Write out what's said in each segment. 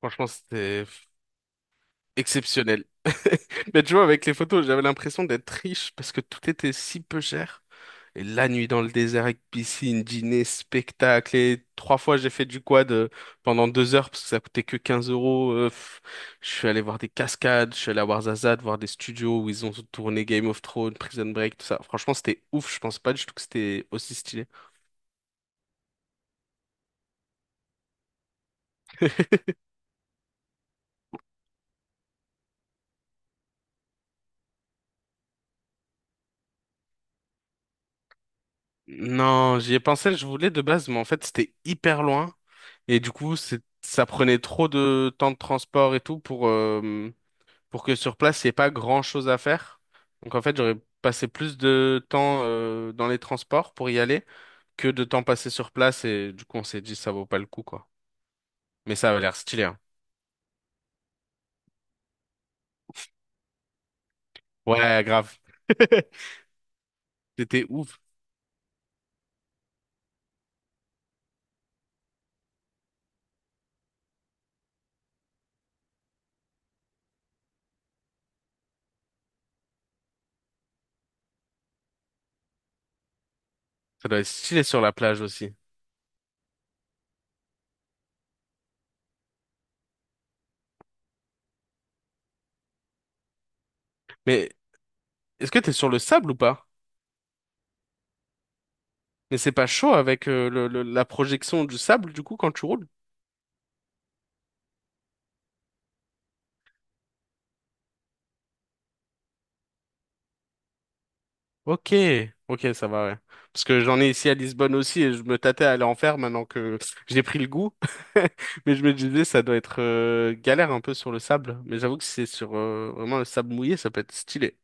Franchement, c'était exceptionnel. Mais tu vois, avec les photos, j'avais l'impression d'être riche parce que tout était si peu cher. Et la nuit dans le désert avec piscine, dîner, spectacle. Et trois fois, j'ai fait du quad pendant 2 heures parce que ça coûtait que 15 euros. Je suis allé voir des cascades, je suis allé à Ouarzazate, voir des studios où ils ont tourné Game of Thrones, Prison Break, tout ça. Franchement, c'était ouf. Je pensais pas du tout que c'était aussi stylé. Non, j'y ai pensé, je voulais de base, mais en fait, c'était hyper loin. Et du coup, ça prenait trop de temps de transport et tout pour que sur place, il n'y ait pas grand-chose à faire. Donc en fait, j'aurais passé plus de temps, dans les transports pour y aller que de temps passé sur place. Et du coup, on s'est dit, ça vaut pas le coup, quoi. Mais ça avait l'air stylé, hein. Ouais, grave. C'était ouf. Ça doit être stylé sur la plage aussi. Mais est-ce que t'es sur le sable ou pas? Mais c'est pas chaud avec la projection du sable, du coup, quand tu roules? Ok, ok, ça va, ouais. Parce que j'en ai ici à Lisbonne aussi et je me tâtais à aller en faire maintenant que j'ai pris le goût. Mais je me disais, ça doit être galère un peu sur le sable. Mais j'avoue que si c'est sur vraiment le sable mouillé, ça peut être stylé.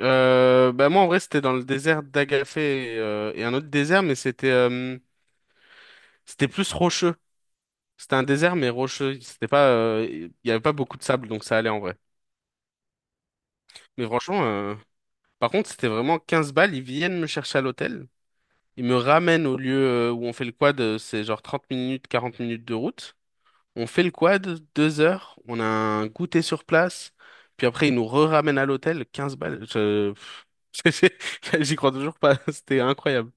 Bah moi, en vrai, c'était dans le désert d'Agafé et un autre désert, mais c'était plus rocheux. C'était un désert, mais rocheux. C'était pas, il y avait pas beaucoup de sable, donc ça allait en vrai. Mais franchement, par contre, c'était vraiment 15 balles. Ils viennent me chercher à l'hôtel. Il me ramène au lieu où on fait le quad, c'est genre 30 minutes, 40 minutes de route. On fait le quad, 2 heures, on a un goûter sur place, puis après il nous re-ramène à l'hôtel, 15 balles. J'y crois toujours pas, c'était incroyable.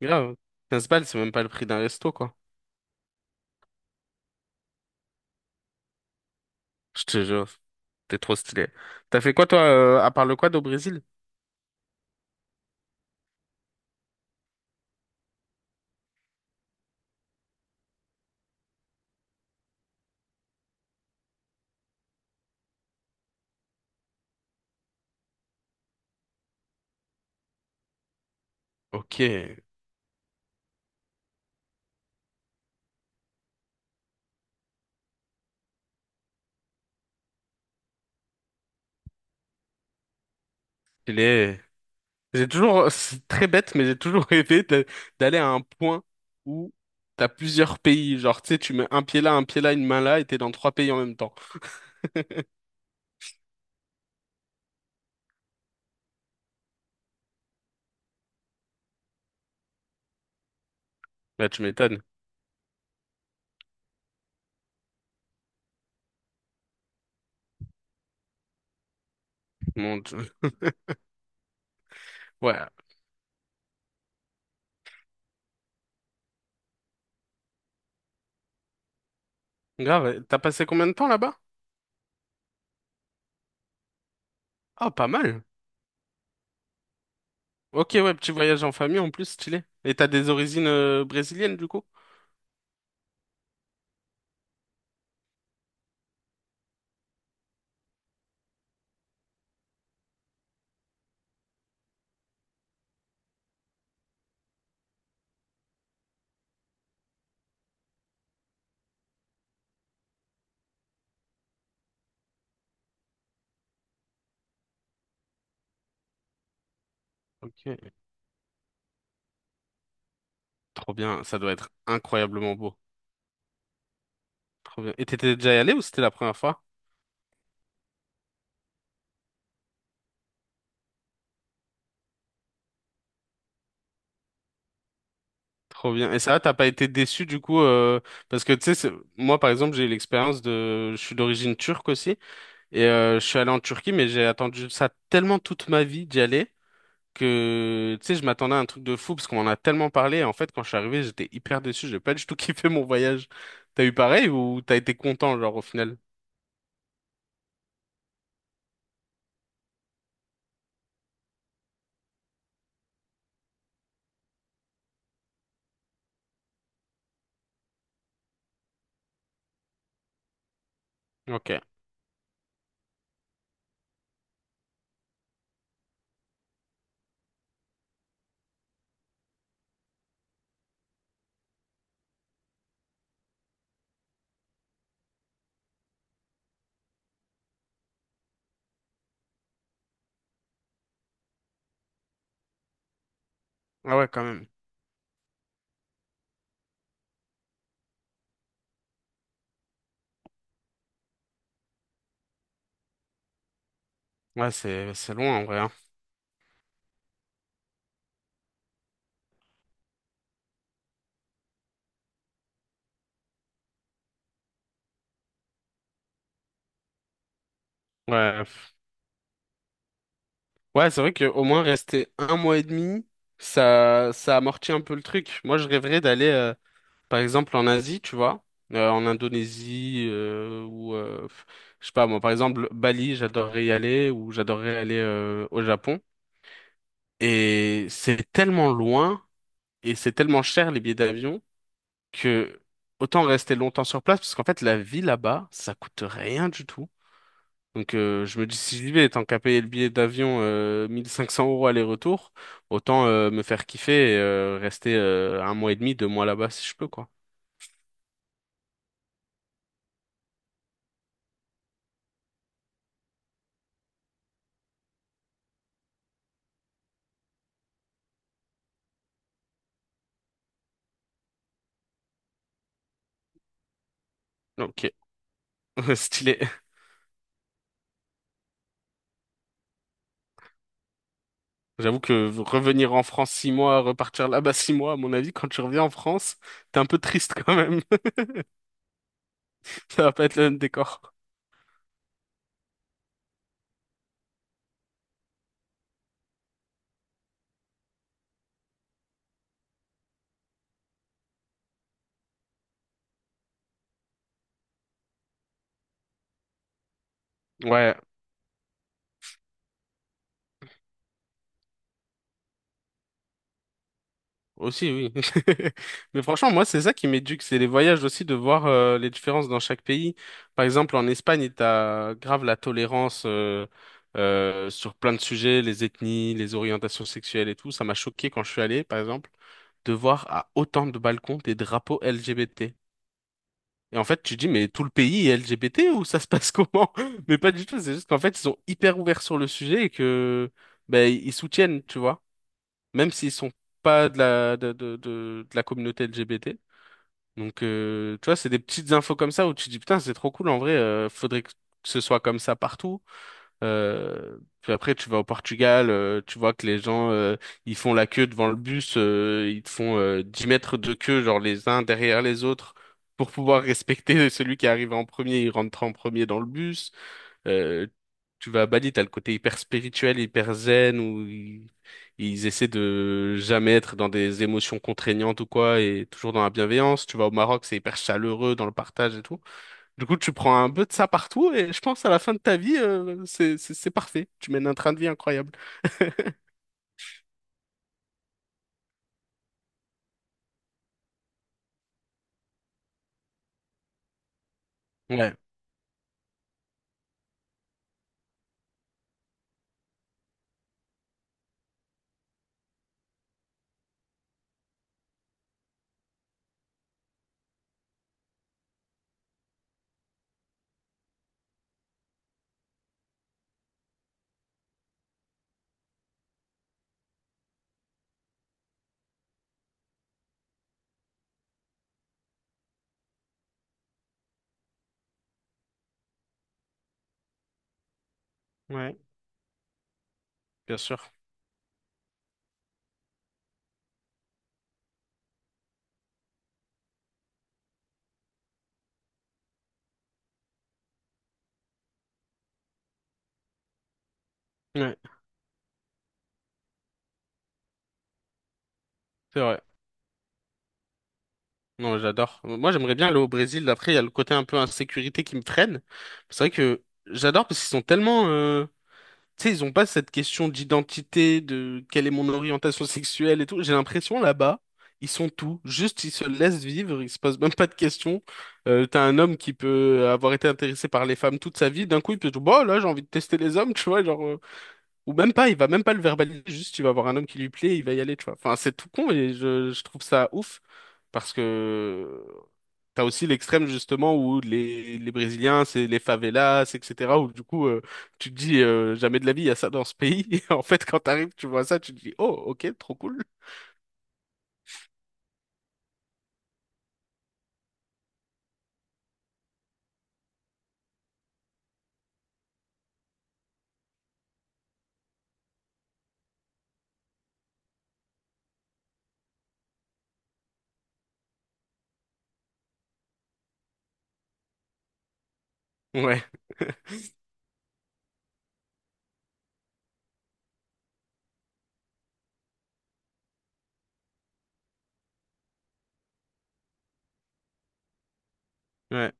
Grave. 15 balles, c'est même pas le prix d'un resto, quoi. Je te jure, t'es trop stylé. T'as fait quoi toi, à part le quad au Brésil? Ok, stylé. J'ai toujours, c'est très bête, mais j'ai toujours rêvé d'aller à un point où t'as plusieurs pays. Genre, tu sais, tu mets un pied là, une main là, et t'es dans trois pays en même temps. Bah, tu m'étonnes. Mon Dieu. Ouais. Grave. T'as passé combien de temps là-bas? Ah, pas mal. Ok, ouais, petit voyage en famille en plus, stylé. Et t'as des origines brésiliennes du coup? Ok. Trop bien. Ça doit être incroyablement beau. Trop bien. Et t'étais déjà allé ou c'était la première fois? Trop bien. Et ça, t'as pas été déçu du coup parce que tu sais, moi par exemple, j'ai eu l'expérience de, je suis d'origine turque aussi et je suis allé en Turquie, mais j'ai attendu ça tellement toute ma vie d'y aller que tu sais, je m'attendais à un truc de fou parce qu'on en a tellement parlé. Et en fait, quand je suis arrivé, j'étais hyper déçu. J'ai pas du tout kiffé mon voyage. T'as eu pareil ou t'as été content genre au final? Ok. Ah ouais, quand même. Ouais, c'est loin en vrai, hein. Ouais. Ouais, c'est vrai que au moins rester un mois et demi, ça amortit un peu le truc. Moi, je rêverais d'aller, par exemple, en Asie, tu vois, en Indonésie, ou je sais pas moi, par exemple, Bali, j'adorerais y aller, ou j'adorerais aller au Japon. Et c'est tellement loin, et c'est tellement cher les billets d'avion, que autant rester longtemps sur place, parce qu'en fait, la vie là-bas, ça coûte rien du tout. Donc je me dis, si j'y vais, tant qu'à payer le billet d'avion 1500 € aller-retour, autant me faire kiffer et rester un mois et demi, 2 mois là-bas si je peux, quoi. Ok, stylé. J'avoue que revenir en France 6 mois, repartir là-bas 6 mois, à mon avis, quand tu reviens en France, t'es un peu triste quand même. Ça va pas être le même décor. Ouais, aussi, oui. Mais franchement, moi, c'est ça qui m'éduque, c'est les voyages aussi, de voir les différences dans chaque pays. Par exemple, en Espagne, t'as grave la tolérance sur plein de sujets, les ethnies, les orientations sexuelles et tout. Ça m'a choqué quand je suis allé, par exemple, de voir à autant de balcons des drapeaux LGBT. Et en fait, tu te dis, mais tout le pays est LGBT ou ça se passe comment? Mais pas du tout, c'est juste qu'en fait, ils sont hyper ouverts sur le sujet et que ben, ils soutiennent, tu vois, même s'ils sont pas de la, de la communauté LGBT. Donc, tu vois, c'est des petites infos comme ça où tu te dis, putain, c'est trop cool, en vrai, faudrait que ce soit comme ça partout. Puis après, tu vas au Portugal, tu vois que les gens, ils font la queue devant le bus, ils te font 10 mètres de queue, genre les uns derrière les autres, pour pouvoir respecter celui qui est arrivé en premier, il rentre en premier dans le bus. Euh, Tu vas à Bali, t'as le côté hyper spirituel, hyper zen, où ils essaient de jamais être dans des émotions contraignantes ou quoi, et toujours dans la bienveillance. Tu vas au Maroc, c'est hyper chaleureux dans le partage et tout. Du coup, tu prends un peu de ça partout et je pense à la fin de ta vie, c'est parfait. Tu mènes un train de vie incroyable. Ouais, ouais, bien sûr. Ouais, c'est vrai. Non, j'adore. Moi, j'aimerais bien aller au Brésil. Après, il y a le côté un peu insécurité qui me freine. C'est vrai que j'adore parce qu'ils sont tellement, tu sais, ils ont pas cette question d'identité, de quelle est mon orientation sexuelle et tout. J'ai l'impression là-bas, ils sont tout. Juste, ils se laissent vivre, ils se posent même pas de questions. T'as un homme qui peut avoir été intéressé par les femmes toute sa vie, d'un coup, il peut dire, bah là, j'ai envie de tester les hommes, tu vois, genre, ou même pas, il va même pas le verbaliser, juste, il va avoir un homme qui lui plaît, il va y aller, tu vois. Enfin, c'est tout con et je trouve ça ouf parce que t'as aussi l'extrême justement où les Brésiliens, c'est les favelas, etc. Où du coup, tu te dis jamais de la vie, il y a ça dans ce pays. Et en fait, quand t'arrives, tu vois ça, tu te dis, oh, ok, trop cool. Ouais, ouais.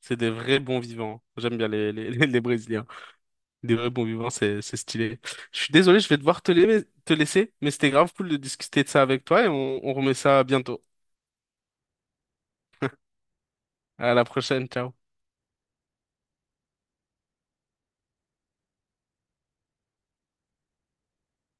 C'est des vrais bons vivants. J'aime bien les Brésiliens. Des vrais bons vivants, c'est stylé. Je suis désolé, je vais devoir te laisser, mais c'était grave cool de discuter de ça avec toi et on remet ça bientôt. À la prochaine, ciao.